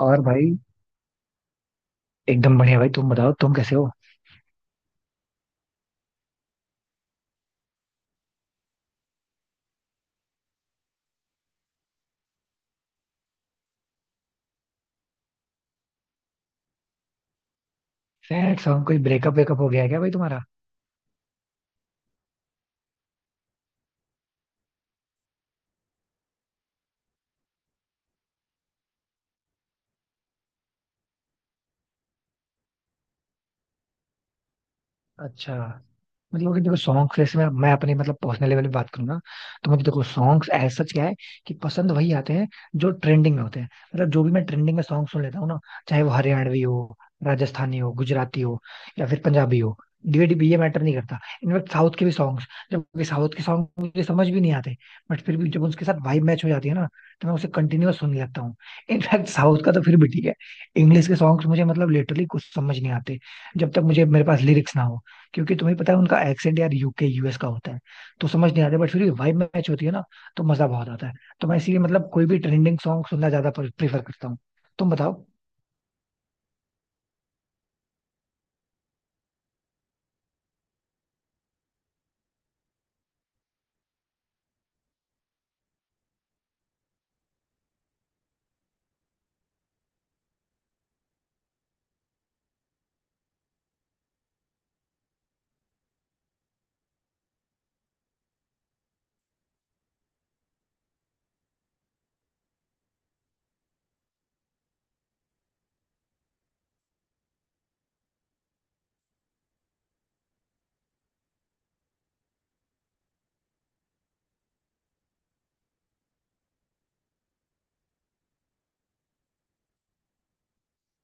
और भाई। एकदम बढ़िया भाई। तुम बताओ तुम कैसे हो। Sad song? कोई ब्रेकअप वेकअप हो गया है क्या भाई तुम्हारा? अच्छा। मतलब अगर देखो सॉन्ग्स, जैसे मैं अपने मतलब पर्सनल लेवल पे बात करूँ ना, तो मुझे देखो सॉन्ग्स एज सच क्या है, कि पसंद वही आते हैं जो ट्रेंडिंग में होते हैं। मतलब जो भी मैं ट्रेंडिंग में सॉन्ग सुन लेता हूँ ना, चाहे वो हरियाणवी हो, राजस्थानी हो, गुजराती हो, या फिर पंजाबी हो, डिवेटिव, ये मैटर नहीं करता। इनफैक्ट साउथ के भी सॉन्ग्स, जबकि साउथ के सॉन्ग मुझे समझ भी नहीं आते, बट फिर भी जब उसके साथ वाइब मैच हो जाती है ना, तो मैं उसे कंटिन्यूअस सुनने लगता हूँ। इनफैक्ट साउथ का तो फिर भी ठीक है, इंग्लिश के सॉन्ग्स मुझे मतलब लिटरली कुछ समझ नहीं आते, जब तक मुझे मेरे पास लिरिक्स ना हो, क्योंकि तुम्हें पता है उनका एक्सेंट यार यूके यूएस का होता है, तो समझ नहीं आता। बट फिर भी वाइब मैच होती है ना, तो मजा बहुत आता है। तो मैं इसीलिए मतलब कोई भी ट्रेंडिंग सॉन्ग सुनना ज्यादा प्रेफर करता हूँ। तुम बताओ।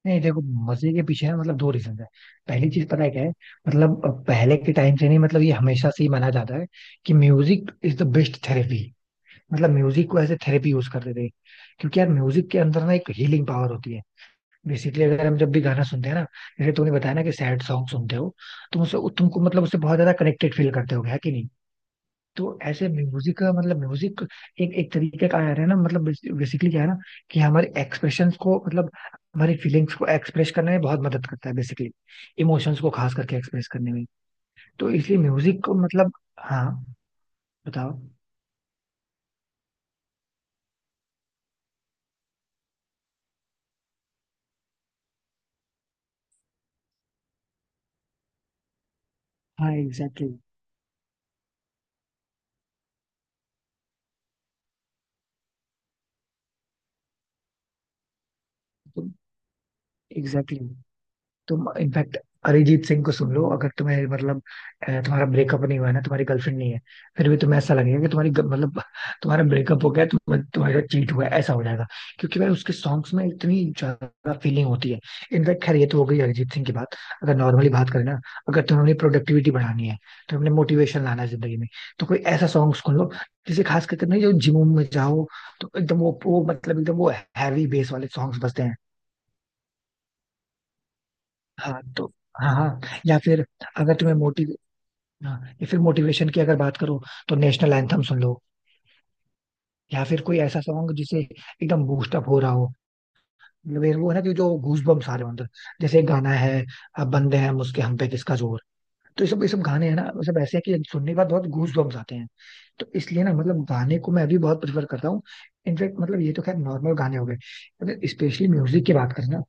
नहीं देखो, मजे के पीछे है मतलब दो रीजन है। पहली चीज पता है क्या है? मतलब पहले के टाइम से नहीं, मतलब ये हमेशा से ही माना जाता है कि music is the best therapy. मतलब म्यूजिक को एज ए थेरेपी यूज करते थे, क्योंकि यार म्यूजिक के अंदर ना एक हीलिंग पावर होती है। बेसिकली अगर हम जब भी गाना सुनते हैं ना, जैसे तूने बताया ना कि सैड सॉन्ग सुनते हो, तुम उससे तुमको मतलब उससे बहुत ज्यादा कनेक्टेड फील करते हो, है कि नहीं? तो ऐसे म्यूजिक का मतलब म्यूजिक एक एक तरीके का यार है ना, मतलब बेसिकली क्या है ना, कि हमारे एक्सप्रेशन को मतलब हमारी फीलिंग्स को एक्सप्रेस करने में बहुत मदद करता है बेसिकली। इमोशंस को खास करके एक्सप्रेस करने में, तो इसलिए म्यूजिक को मतलब, हाँ। बताओ। हाँ, एग्जैक्टली, एग्जैक्टली। तुम इनफैक्ट अरिजीत सिंह को सुन लो अगर तुम्हें मतलब, तुम्हारा ब्रेकअप नहीं हुआ है ना, तुम्हारी गर्लफ्रेंड नहीं है, फिर भी तुम्हें ऐसा लगेगा कि मतलब तुम्हारा ब्रेकअप हो गया, तुम्हारा चीट हुआ है, ऐसा हो जाएगा, क्योंकि भाई उसके सॉन्ग्स में इतनी ज्यादा फीलिंग होती है। इनफैक्ट खैर ये तो हो गई अरिजीत सिंह की बात, अगर नॉर्मली बात करें ना, अगर तुम्हें अपनी प्रोडक्टिविटी बढ़ानी है, तुम्हें अपने मोटिवेशन लाना है जिंदगी में, तो कोई ऐसा सॉन्ग सुन लो जिसे खास करके, नहीं जो जिम में जाओ तो एकदम वो मतलब एकदम वो हैवी बेस वाले सॉन्ग्स बजते हैं। हाँ तो, हाँ, हाँ। या फिर अगर तुम्हें मोटिव हाँ, या फिर मोटिवेशन की अगर बात करो तो नेशनल एंथम सुन लो। या फिर कोई ऐसा सॉन्ग जिसे एकदम बूस्ट अप हो रहा हो, मतलब ये वो है ना कि जो गूज बम्स आ रहे हो अंदर, जैसे एक गाना है, अब बंदे हैं मुझके हम पे किसका जोर। तो ये सब गाने हैं ना, ये सब ऐसे हैं कि सुनने के बाद बहुत गूज बम्स आते हैं। तो इसलिए ना मतलब गाने को मैं अभी बहुत प्रिफर करता हूँ। इनफेक्ट मतलब ये तो खैर नॉर्मल गाने हो गए। अगर स्पेशली म्यूजिक की बात करें ना,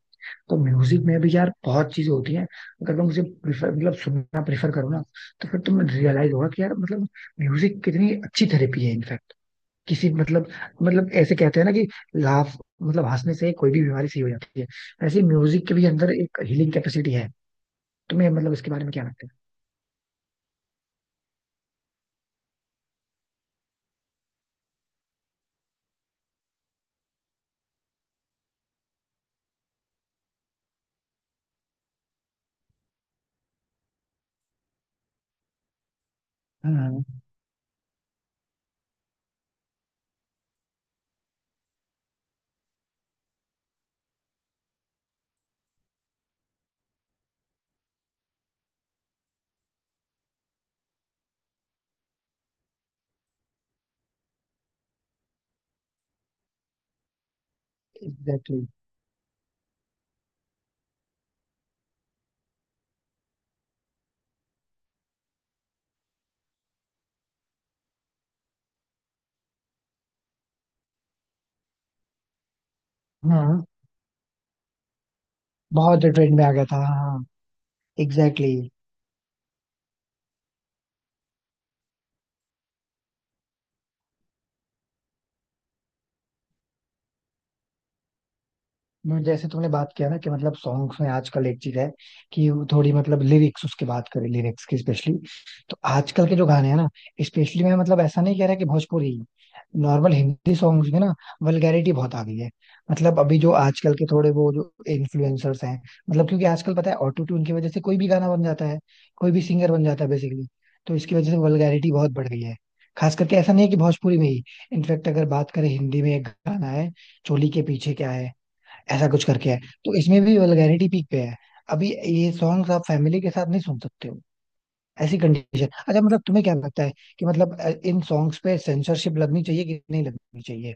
तो म्यूजिक में भी यार बहुत चीजें होती हैं। अगर तुम उसे प्रिफर मतलब सुनना प्रेफर करो ना, तो फिर तुम्हें रियलाइज होगा कि यार मतलब म्यूजिक कितनी अच्छी थेरेपी है इनफैक्ट। किसी मतलब ऐसे कहते हैं ना कि लाफ, मतलब हंसने से कोई भी बीमारी सही हो जाती है। ऐसे म्यूजिक के भी अंदर एक हीलिंग कैपेसिटी है। तुम्हें मतलब इसके बारे में क्या लगता है? हाँ, एग्जैक्टली। हाँ, बहुत ट्रेंड में आ गया था, हाँ। एग्जैक्टली। जैसे तुमने बात किया ना कि मतलब सॉन्ग्स में आजकल एक चीज है, कि वो थोड़ी मतलब लिरिक्स, उसके बात करें लिरिक्स की स्पेशली। तो आजकल के जो गाने हैं ना, स्पेशली मैं मतलब ऐसा नहीं कह रहा कि भोजपुरी, नॉर्मल हिंदी सॉन्ग्स में ना वल्गैरिटी बहुत आ गई है। मतलब अभी जो आजकल के थोड़े वो जो इन्फ्लुएंसर्स हैं, मतलब क्योंकि आजकल पता है ऑटो ट्यून की वजह से कोई भी गाना बन जाता है, कोई भी सिंगर बन जाता है बेसिकली। तो इसकी वजह से वल्गैरिटी बहुत बढ़ गई है, खास करके ऐसा नहीं है कि भोजपुरी में ही। इनफैक्ट अगर बात करें हिंदी में एक गाना है, चोली के पीछे क्या है, ऐसा कुछ करके है, तो इसमें भी वल्गैरिटी पीक पे है। अभी ये सॉन्ग्स आप फैमिली के साथ नहीं सुन सकते हो, ऐसी कंडीशन। अच्छा मतलब तुम्हें क्या लगता है कि मतलब इन सॉन्ग्स पे सेंसरशिप लगनी चाहिए कि नहीं लगनी चाहिए?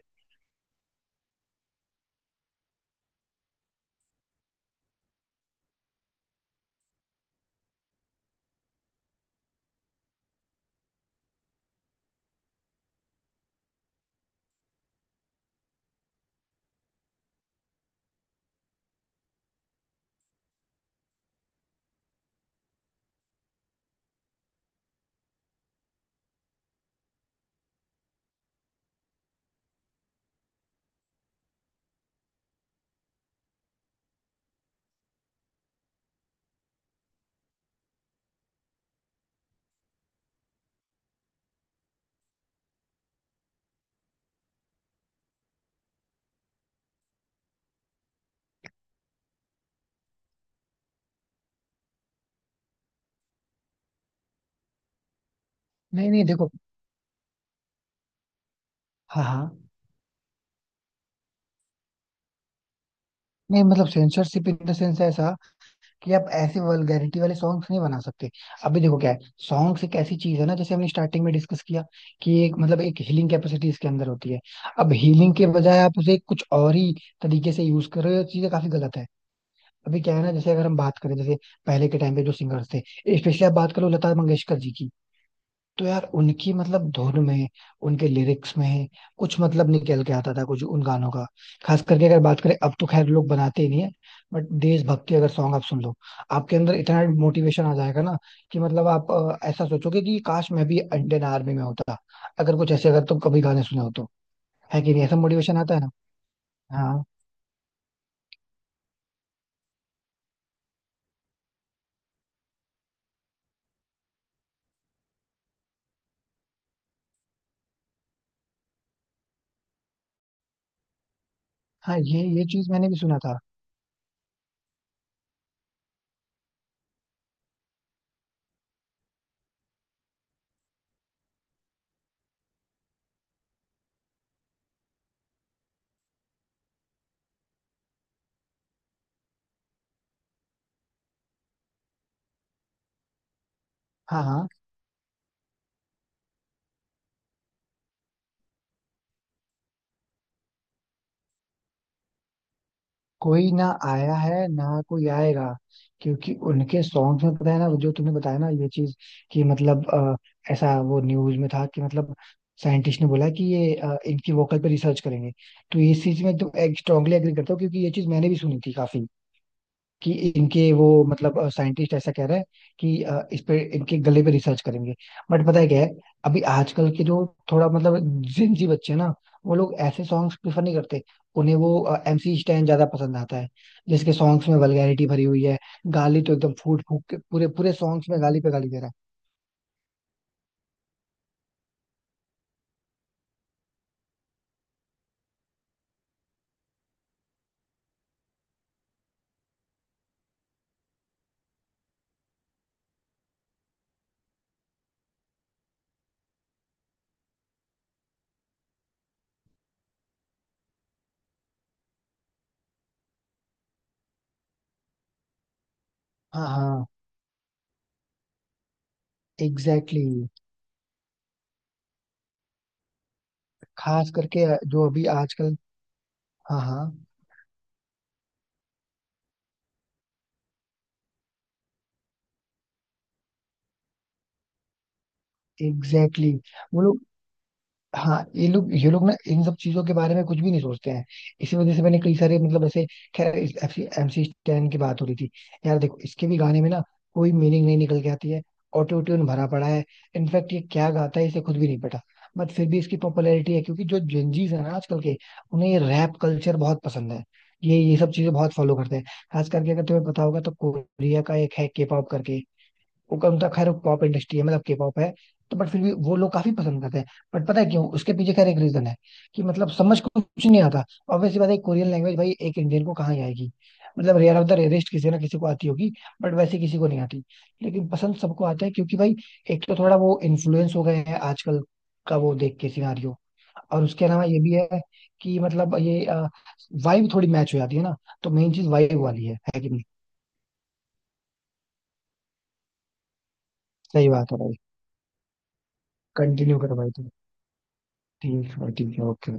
नहीं, नहीं, देखो। हाँ, हाँ। नहीं मतलब सेंसरशिप इन द सेंस ऐसा, कि आप ऐसे वल्गैरिटी वाले सॉन्ग्स नहीं बना सकते। अभी देखो क्या है, सॉन्ग्स एक ऐसी चीज है ना, जैसे हमने स्टार्टिंग में डिस्कस किया कि एक मतलब एक हीलिंग कैपेसिटी इसके अंदर होती है। अब हीलिंग के बजाय आप उसे कुछ और ही तरीके से यूज कर रहे हो, चीजें काफी गलत है। अभी क्या है ना, जैसे अगर हम बात करें, जैसे पहले के टाइम पे जो सिंगर्स थे, स्पेशली आप बात करो लता मंगेशकर जी की, तो यार उनकी मतलब धुन में, उनके लिरिक्स में, कुछ मतलब निकल के आता था कुछ उन गानों का। खास करके अगर बात करें, अब तो खैर लोग बनाते ही नहीं है। बट देशभक्ति अगर सॉन्ग आप सुन लो, आपके अंदर इतना मोटिवेशन आ जाएगा ना, कि मतलब आप ऐसा सोचोगे कि काश मैं भी इंडियन आर्मी में होता। अगर कुछ ऐसे अगर तुम कभी गाने सुने हो तो, है कि नहीं, ऐसा मोटिवेशन आता है ना? हाँ, हाँ। ये चीज मैंने भी सुना था, हाँ, हाँ। कोई ना आया है ना, कोई आएगा, क्योंकि उनके सॉन्ग्स में पता है ना वो जो तुमने बताया ना ये चीज, कि मतलब ऐसा वो न्यूज में था कि मतलब साइंटिस्ट ने बोला कि ये इनकी वोकल पे रिसर्च करेंगे, तो इस चीज में तुम स्ट्रांगली एग्री करता हो, क्योंकि ये चीज मैंने भी सुनी थी काफी, कि इनके वो मतलब साइंटिस्ट ऐसा कह रहा है कि इस पे इनके गले पे रिसर्च करेंगे। बट पता है क्या है, अभी आजकल के जो थोड़ा मतलब जिनजी बच्चे हैं ना, वो लोग ऐसे सॉन्ग्स प्रिफर नहीं करते। उन्हें वो एमसी स्टैन ज्यादा पसंद आता है, जिसके सॉन्ग्स में वल्गैरिटी भरी हुई है। गाली तो एकदम फूट फूट के पूरे पूरे सॉन्ग्स में गाली पे गाली दे रहा है। हाँ, हाँ, एग्जैक्टली exactly। खास करके जो अभी आजकल, हाँ, हाँ, एग्जैक्टली exactly। वो लोग, हाँ। ये लोग ना इन सब चीजों के बारे में कुछ भी नहीं सोचते हैं। इसी वजह से मैंने कई सारे मतलब ऐसे, खैर एमसी स्टैन की बात हो रही थी। यार देखो इसके भी गाने में ना कोई मीनिंग नहीं निकल के आती है, ऑटो ट्यून भरा पड़ा है। इनफैक्ट ये क्या गाता है इसे खुद भी नहीं पता, बट फिर भी इसकी पॉपुलैरिटी है, क्योंकि जो जेंजीज है ना आजकल के, उन्हें ये रैप कल्चर बहुत पसंद है। ये सब चीजें बहुत फॉलो करते हैं। खास करके अगर तुम्हें पता होगा तो कोरिया का एक है, के पॉप करके। उनका उनका खैर पॉप इंडस्ट्री है मतलब के पॉप है, तो बट फिर भी वो लोग काफी पसंद करते हैं। बट पता है क्यों, उसके पीछे खैर एक रीजन है, कि मतलब समझ को कुछ नहीं आता। ऑब्वियसली बात है कोरियन लैंग्वेज भाई एक इंडियन को कहाँ ही आएगी, मतलब रेयर ऑफ द रेयरेस्ट किसी ना किसी को आती होगी, बट वैसे किसी को नहीं आती। लेकिन पसंद सबको आता है, क्योंकि भाई एक तो थोड़ा वो इन्फ्लुएंस हो गए हैं आजकल का वो देख के सिनारियो, और उसके अलावा ये भी है कि मतलब ये वाइब थोड़ी मैच हो जाती है ना, तो मेन चीज वाइब वाली है कि नहीं? सही बात है भाई। कंटिन्यू करो भाई। ठीक है, ठीक है, ओके।